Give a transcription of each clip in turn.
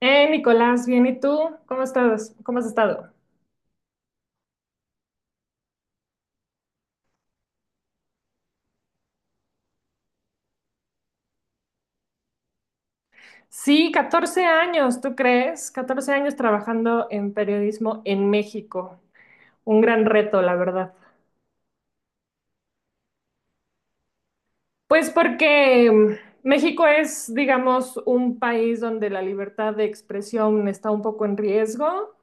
Nicolás, bien, ¿y tú? ¿Cómo estás? ¿Cómo has estado? Sí, 14 años, ¿tú crees? 14 años trabajando en periodismo en México. Un gran reto, la verdad. Pues porque México es, digamos, un país donde la libertad de expresión está un poco en riesgo.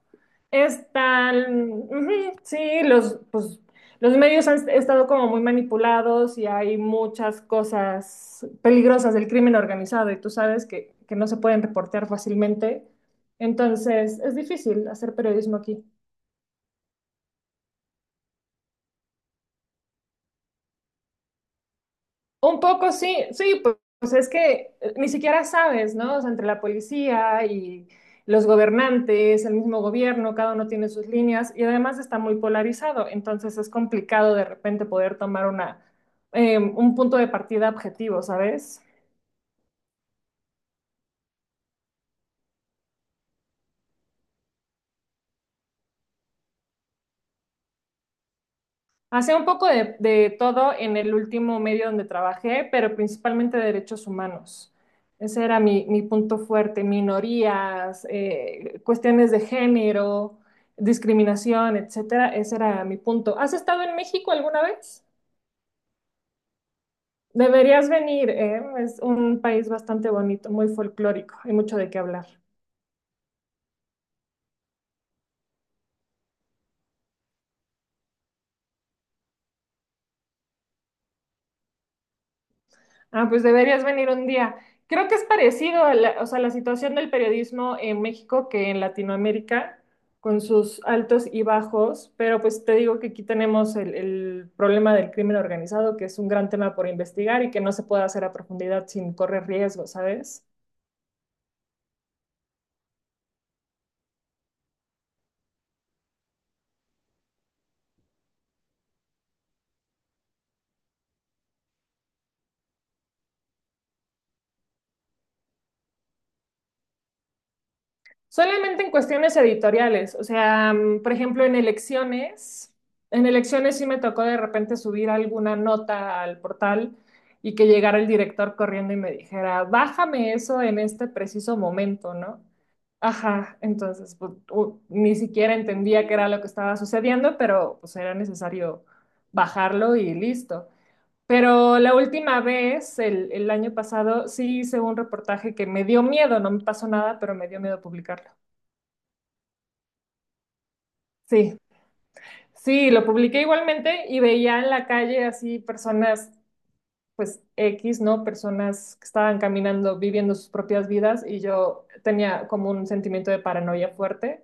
Están, ujú, sí, los, pues, los medios han estado como muy manipulados y hay muchas cosas peligrosas del crimen organizado y tú sabes que no se pueden reportear fácilmente. Entonces, es difícil hacer periodismo aquí. Un poco sí, sí, pues es que ni siquiera sabes, ¿no? O sea, entre la policía y los gobernantes, el mismo gobierno, cada uno tiene sus líneas y además está muy polarizado, entonces es complicado de repente poder tomar un punto de partida objetivo, ¿sabes? Hacía un poco de todo en el último medio donde trabajé, pero principalmente de derechos humanos. Ese era mi punto fuerte, minorías, cuestiones de género, discriminación, etcétera. Ese era mi punto. ¿Has estado en México alguna vez? Deberías venir, ¿eh? Es un país bastante bonito, muy folclórico, hay mucho de qué hablar. Ah, pues deberías venir un día. Creo que es parecido a la, o sea, la situación del periodismo en México que en Latinoamérica, con sus altos y bajos, pero pues te digo que aquí tenemos el problema del crimen organizado, que es un gran tema por investigar y que no se puede hacer a profundidad sin correr riesgo, ¿sabes? Solamente en cuestiones editoriales, o sea, por ejemplo, en elecciones sí me tocó de repente subir alguna nota al portal y que llegara el director corriendo y me dijera, bájame eso en este preciso momento, ¿no? Ajá, entonces pues, ni siquiera entendía qué era lo que estaba sucediendo, pero pues era necesario bajarlo y listo. Pero la última vez, el año pasado, sí hice un reportaje que me dio miedo, no me pasó nada, pero me dio miedo publicarlo. Sí, sí, lo publiqué igualmente y veía en la calle así personas, pues X, ¿no? Personas que estaban caminando, viviendo sus propias vidas y yo tenía como un sentimiento de paranoia fuerte.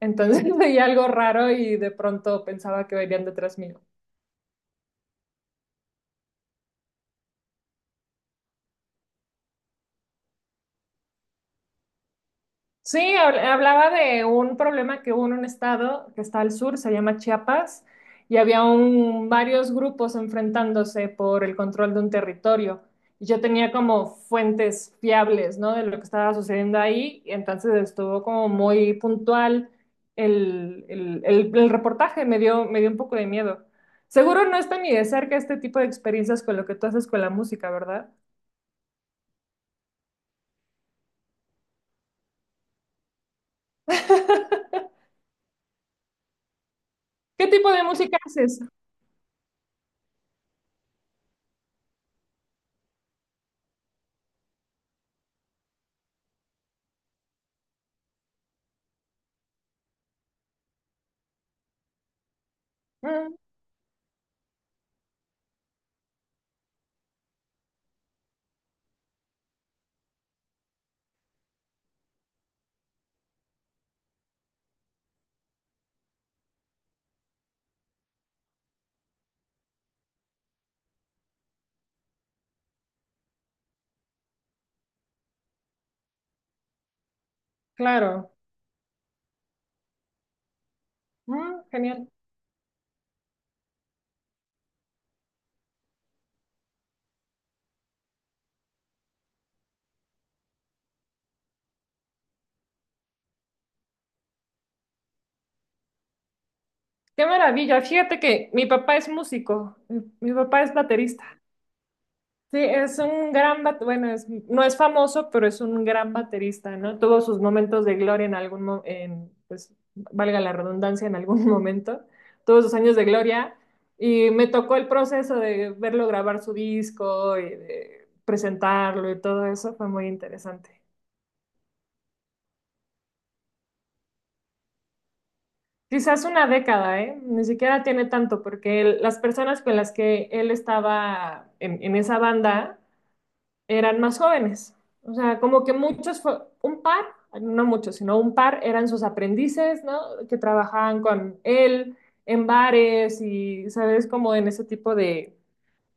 Entonces veía algo raro y de pronto pensaba que venían detrás mío. Sí, hablaba de un problema que hubo en un estado que está al sur, se llama Chiapas, y había varios grupos enfrentándose por el control de un territorio. Y yo tenía como fuentes fiables, ¿no? De lo que estaba sucediendo ahí, y entonces estuvo como muy puntual el reportaje, me dio un poco de miedo. Seguro no está ni de cerca este tipo de experiencias con lo que tú haces con la música, ¿verdad? ¿Qué tipo de música haces? Mm, claro. Mm, genial. Qué maravilla. Fíjate que mi papá es músico, mi papá es baterista. Sí, es un gran bueno, no es famoso, pero es un gran baterista, ¿no? Tuvo sus momentos de gloria en, pues, valga la redundancia, en algún momento, tuvo sus años de gloria y me tocó el proceso de verlo grabar su disco y de presentarlo y todo eso, fue muy interesante. Quizás una década, ¿eh? Ni siquiera tiene tanto, porque él- las personas con las que él estaba en esa banda eran más jóvenes. O sea, como que muchos, fue, un par, no muchos, sino un par eran sus aprendices, ¿no? Que trabajaban con él en bares y, ¿sabes? Como en ese tipo de,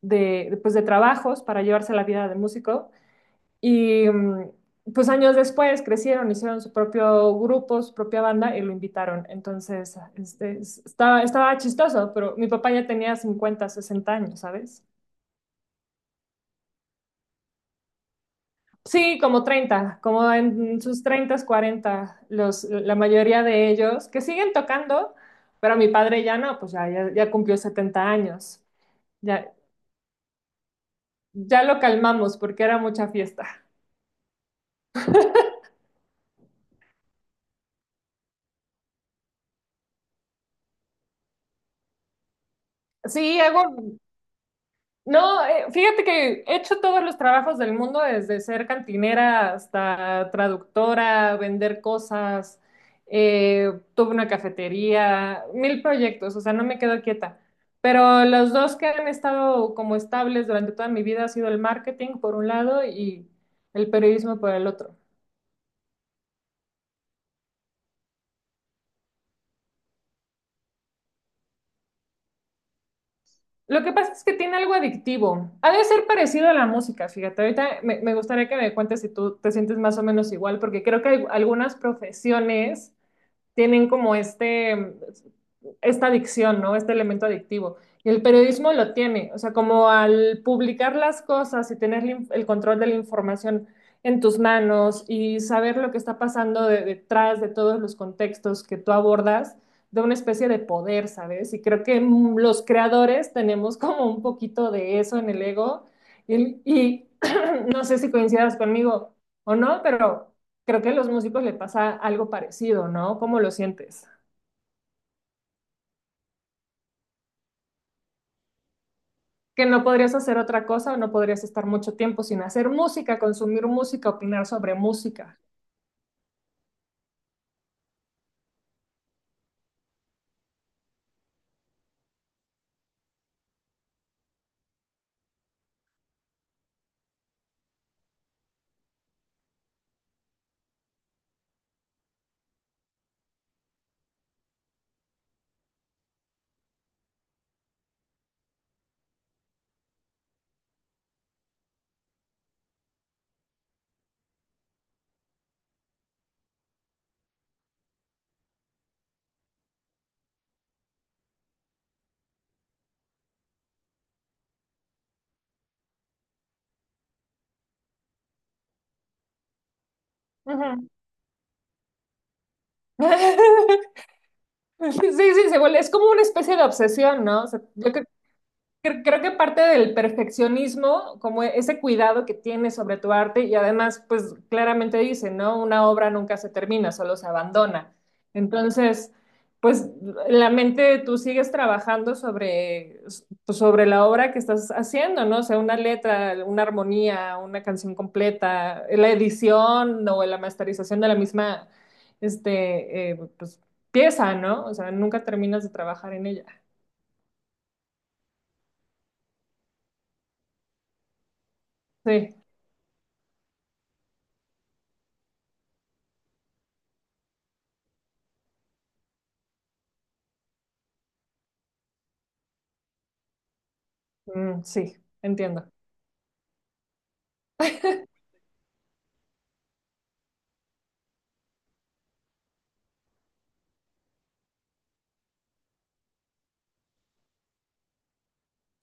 de, pues, de trabajos para llevarse la vida de músico. Y pues años después crecieron, hicieron su propio grupo, su propia banda y lo invitaron. Entonces, este, estaba chistoso, pero mi papá ya tenía 50-60 años, ¿sabes? Sí, como 30 como en sus 30, 40 los, la mayoría de ellos que siguen tocando, pero mi padre ya no, pues ya, ya, ya cumplió 70 años. Ya, ya lo calmamos porque era mucha fiesta. Sí, hago, no, fíjate que he hecho todos los trabajos del mundo, desde ser cantinera hasta traductora, vender cosas, tuve una cafetería, mil proyectos, o sea, no me quedo quieta. Pero los dos que han estado como estables durante toda mi vida ha sido el marketing por un lado y el periodismo por el otro. Lo que pasa es que tiene algo adictivo. Ha de ser parecido a la música, fíjate. Ahorita me gustaría que me cuentes si tú te sientes más o menos igual, porque creo que hay algunas profesiones tienen como esta adicción, ¿no? Este elemento adictivo. Y el periodismo lo tiene, o sea, como al publicar las cosas y tener el control de la información en tus manos y saber lo que está pasando detrás de todos los contextos que tú abordas, de una especie de poder, ¿sabes? Y creo que los creadores tenemos como un poquito de eso en el ego y no sé si coincidas conmigo o no, pero creo que a los músicos le pasa algo parecido, ¿no? ¿Cómo lo sientes? Que no podrías hacer otra cosa, no podrías estar mucho tiempo sin hacer música, consumir música, opinar sobre música. Ujú. Sí, sí, es como una especie de obsesión, ¿no? O sea, yo creo que parte del perfeccionismo, como ese cuidado que tienes sobre tu arte, y además, pues claramente dice, ¿no? Una obra nunca se termina, solo se abandona. Entonces, pues la mente tú sigues trabajando sobre, pues, sobre la obra que estás haciendo, ¿no? O sea, una letra, una armonía, una canción completa, la edición o la masterización de la misma, este, pues, pieza, ¿no? O sea, nunca terminas de trabajar en ella. Sí, mm, sí, entiendo.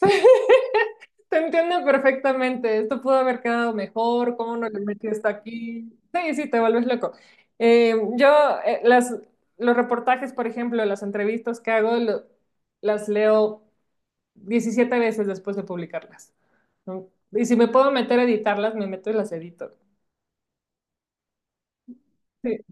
Te entiendo perfectamente. Esto pudo haber quedado mejor. ¿Cómo no le metí esto aquí? Sí, sí, te vuelves loco. Yo, eh, las, los reportajes, por ejemplo, las entrevistas que hago, las leo 17 veces después de publicarlas, ¿no? Y si me puedo meter a editarlas, me meto y las edito. Sí,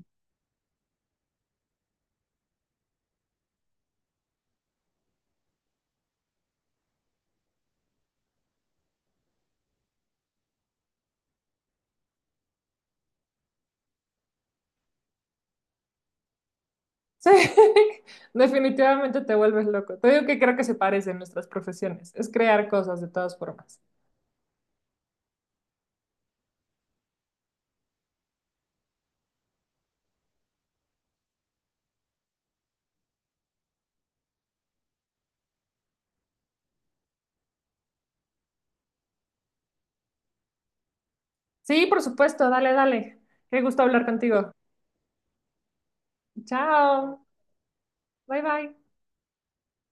sí, definitivamente te vuelves loco. Te digo que creo que se parecen nuestras profesiones. Es crear cosas de todas formas. Sí, por supuesto. Dale, dale. Qué gusto hablar contigo. Chao. Bye bye.